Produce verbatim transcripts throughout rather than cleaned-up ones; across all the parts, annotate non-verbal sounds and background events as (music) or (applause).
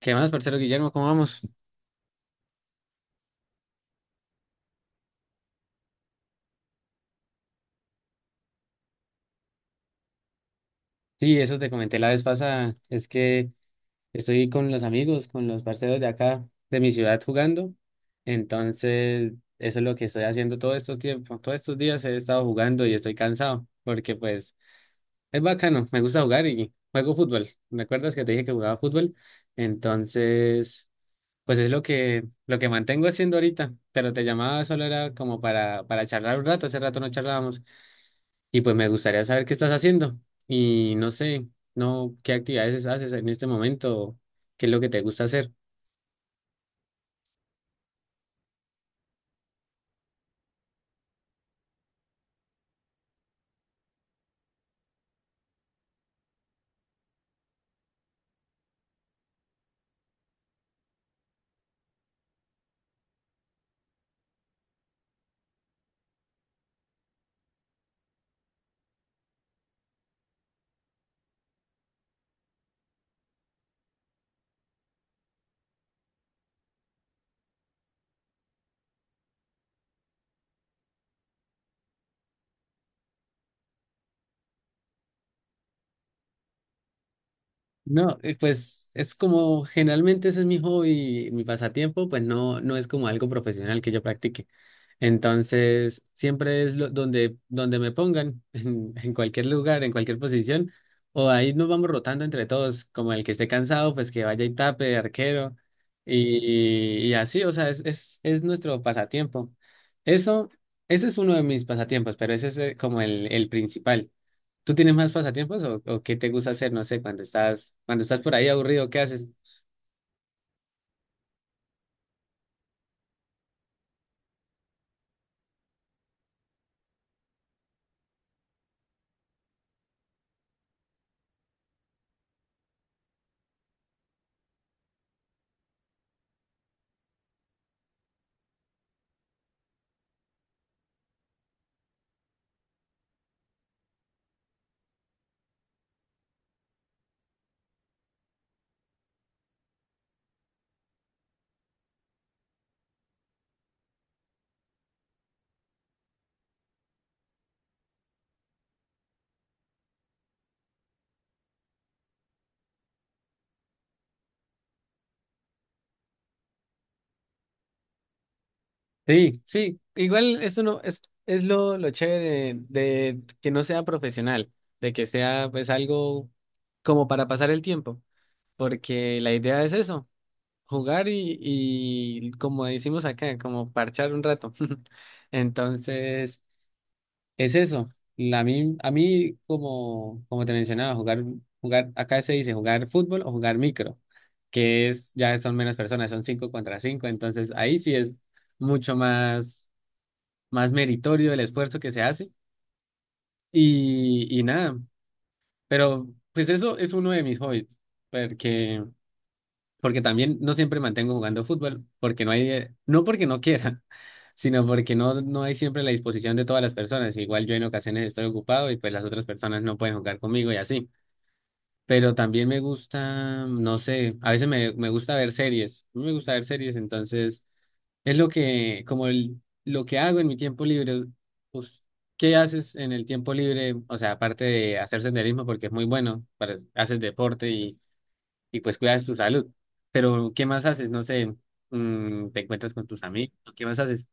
¿Qué más, parcero Guillermo? ¿Cómo vamos? Sí, eso te comenté la vez pasada. Es que estoy con los amigos, con los parceros de acá, de mi ciudad jugando. Entonces, eso es lo que estoy haciendo todo estos tiempos. Todos estos días he estado jugando y estoy cansado porque pues es bacano, me gusta jugar y juego fútbol. ¿Me acuerdas que te dije que jugaba fútbol? Entonces, pues es lo que lo que mantengo haciendo ahorita, pero te llamaba solo era como para para charlar un rato, hace rato no charlábamos. Y pues me gustaría saber qué estás haciendo y no sé, no, qué actividades haces en este momento, qué es lo que te gusta hacer. No, eh, pues es como generalmente ese es mi hobby, mi pasatiempo, pues no, no es como algo profesional que yo practique. Entonces, siempre es lo- donde, donde me pongan, (laughs) en, en cualquier lugar, en cualquier posición, o ahí nos vamos rotando entre todos, como el que esté cansado, pues que vaya y tape de arquero, y, y así, o sea, es, es, es nuestro pasatiempo. Eso, ese es uno de mis pasatiempos, pero ese es eh, como el, el principal. ¿Tú tienes más pasatiempos o, o qué te gusta hacer? No sé, cuando estás, cuando estás por ahí aburrido, ¿qué haces? Sí, sí, igual esto no es, es lo, lo chévere de, de que no sea profesional, de que sea pues algo como para pasar el tiempo, porque la idea es eso, jugar y, y como decimos acá, como parchar un rato. (laughs) Entonces, es eso. La mí a mí, como, como te mencionaba, jugar, jugar, acá se dice jugar fútbol o jugar micro, que es, ya son menos personas, son cinco contra cinco, entonces ahí sí es mucho más, más meritorio el esfuerzo que se hace y, y nada, pero pues eso es uno de mis hobbies, porque porque también no siempre mantengo jugando fútbol, porque no hay, eh, no porque no quiera, (laughs) sino porque no, no hay siempre la disposición de todas las personas. Igual yo en ocasiones estoy ocupado y pues las otras personas no pueden jugar conmigo y así. Pero también me gusta, no sé, a veces me, me gusta ver series, me gusta ver series, entonces es lo que, como el, lo que hago en mi tiempo libre, pues, ¿qué haces en el tiempo libre? O sea, aparte de hacer senderismo, porque es muy bueno, para, haces deporte y y pues cuidas tu salud. Pero, ¿qué más haces? No sé, mm, te encuentras con tus amigos, ¿qué más haces?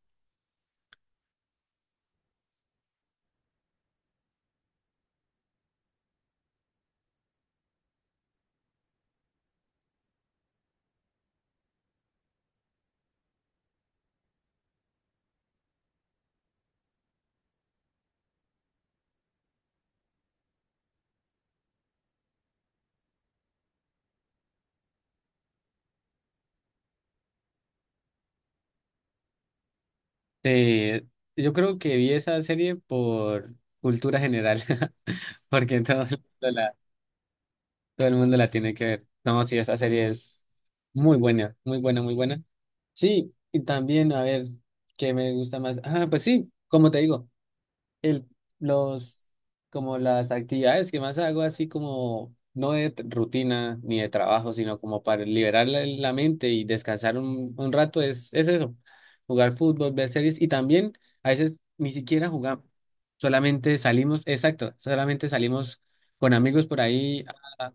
Eh, yo creo que vi esa serie por cultura general, (laughs) porque todo el mundo la, todo el mundo la tiene que ver. No, sí, esa serie es muy buena, muy buena, muy buena. Sí, y también, a ver, ¿qué me gusta más? Ah, pues sí, como te digo. el, los, como las actividades que más hago, así como no de t- rutina ni de trabajo, sino como para liberar la, la mente y descansar un, un rato, es, es eso, jugar fútbol, ver series y también a veces ni siquiera jugamos, solamente salimos, exacto, solamente salimos con amigos por ahí a,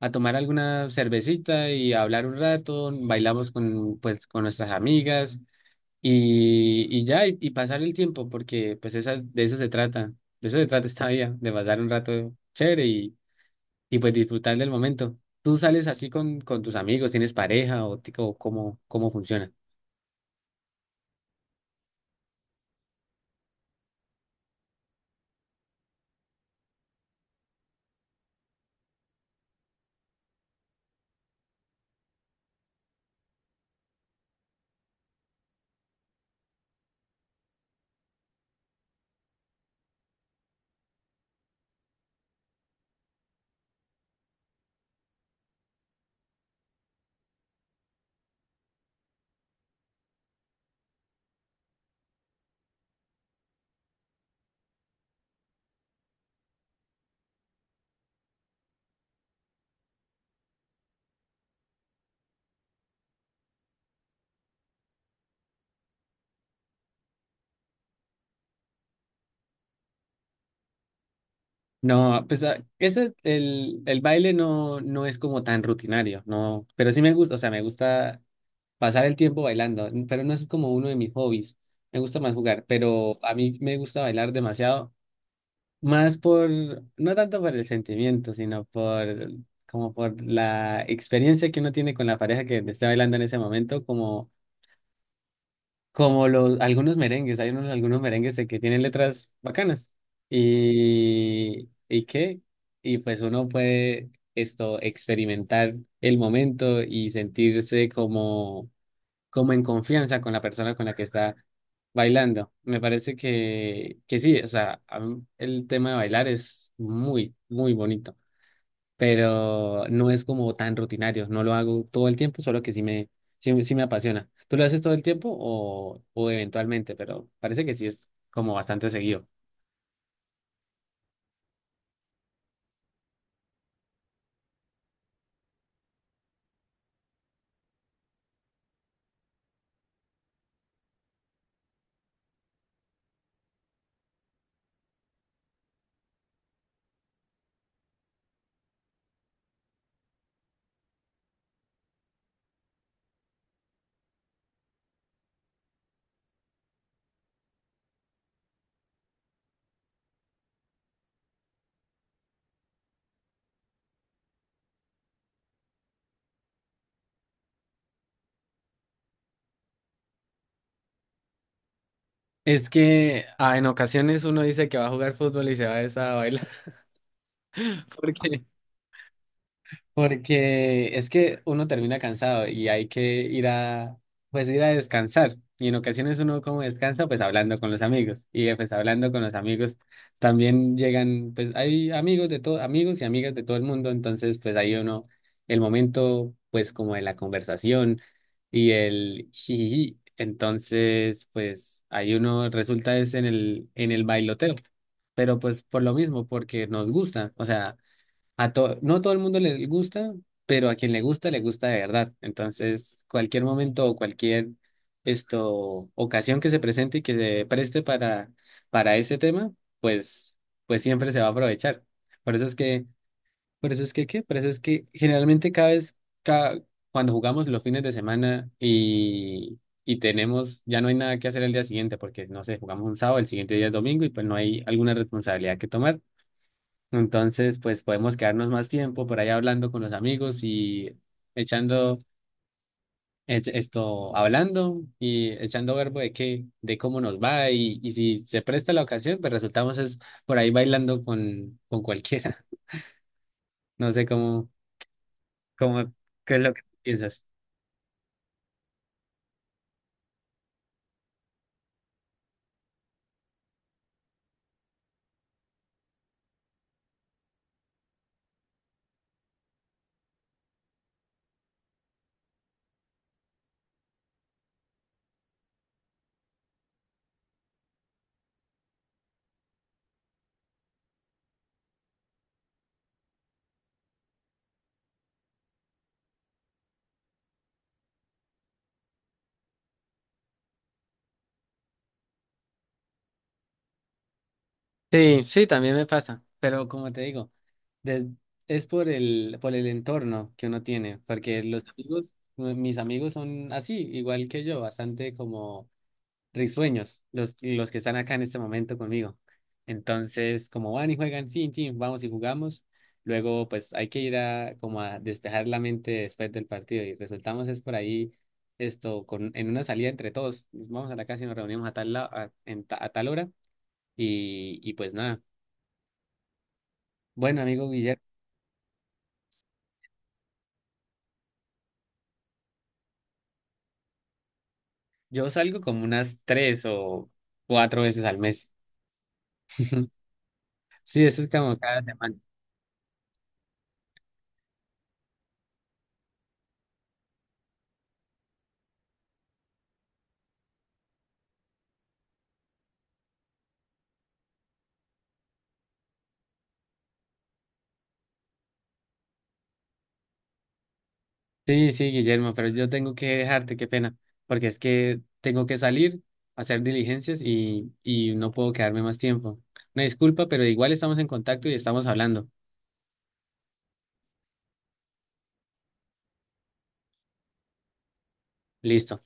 a tomar alguna cervecita y a hablar un rato, bailamos con, pues, con nuestras amigas y, y ya, y, y pasar el tiempo, porque pues esa, de eso se trata, de eso se trata esta vida, de pasar un rato chévere y, y pues disfrutar del momento. ¿Tú sales así con, con tus amigos, tienes pareja o, ti- o cómo, cómo funciona? No, pues ah, ese, el, el baile no, no es como tan rutinario, no, pero sí me gusta, o sea, me gusta pasar el tiempo bailando, pero no es como uno de mis hobbies, me gusta más jugar, pero a mí me gusta bailar demasiado. Más por, no tanto por el sentimiento, sino por, como por la experiencia que uno tiene con la pareja que te está bailando en ese momento, como, como, los, algunos merengues, hay unos, algunos merengues de que tienen letras bacanas. Y, ¿y qué? Y pues uno puede esto, experimentar el momento y sentirse como como en confianza con la persona con la que está bailando. Me parece que, que sí, o sea, a mí el tema de bailar es muy, muy bonito, pero no es como tan rutinario, no lo hago todo el tiempo, solo que sí me, sí, sí me apasiona. ¿Tú lo haces todo el tiempo o, o eventualmente? Pero parece que sí es como bastante seguido. Es que ah, en ocasiones uno dice que va a jugar fútbol y se va a esa a bailar, (laughs) porque Porque es que uno termina cansado y hay que ir a, pues ir a descansar. Y en ocasiones uno como descansa, pues hablando con los amigos. Y eh, pues hablando con los amigos también llegan, pues hay amigos de todo, amigos y amigas de todo el mundo. Entonces, pues ahí uno, el momento, pues como de la conversación y el jijiji. Entonces, pues ahí uno resulta es en el, en el bailoteo. Pero pues por lo mismo, porque nos gusta. O sea. A to- no todo el mundo le gusta, pero a quien le gusta, le gusta de verdad. Entonces, cualquier momento o cualquier esto, ocasión que se presente y que se preste para, para ese tema, pues, pues siempre se va a aprovechar. Por eso es que, por eso es que, ¿qué? Por eso es que generalmente cada vez, ca- cuando jugamos los fines de semana y, y tenemos, ya no hay nada que hacer el día siguiente, porque no sé, jugamos un sábado, el siguiente día es domingo y pues no hay alguna responsabilidad que tomar. Entonces, pues podemos quedarnos más tiempo por ahí hablando con los amigos y echando ech- esto, hablando y echando verbo de qué, de cómo nos va y, y si se presta la ocasión, pues resultamos es por ahí bailando con, con cualquiera. (laughs) No sé cómo, cómo, qué es lo que piensas. Sí, sí, también me pasa, pero como te digo, des- es por el, por el entorno que uno tiene, porque los amigos, mis amigos son así, igual que yo, bastante como risueños, los, los que están acá en este momento conmigo. Entonces, como van y juegan, sí, sí, vamos y jugamos. Luego, pues hay que ir a como a despejar la mente después del partido y resultamos es por ahí esto con en una salida entre todos. Vamos a la casa y nos reunimos a tal la- a, en ta- a tal hora y y pues nada. Bueno, amigo Guillermo, yo salgo como unas tres o cuatro veces al mes. (laughs) Sí, eso es como cada semana. Sí, sí, Guillermo, pero yo tengo que dejarte, qué pena, porque es que tengo que salir a hacer diligencias y, y no puedo quedarme más tiempo. Una disculpa, pero igual estamos en contacto y estamos hablando. Listo.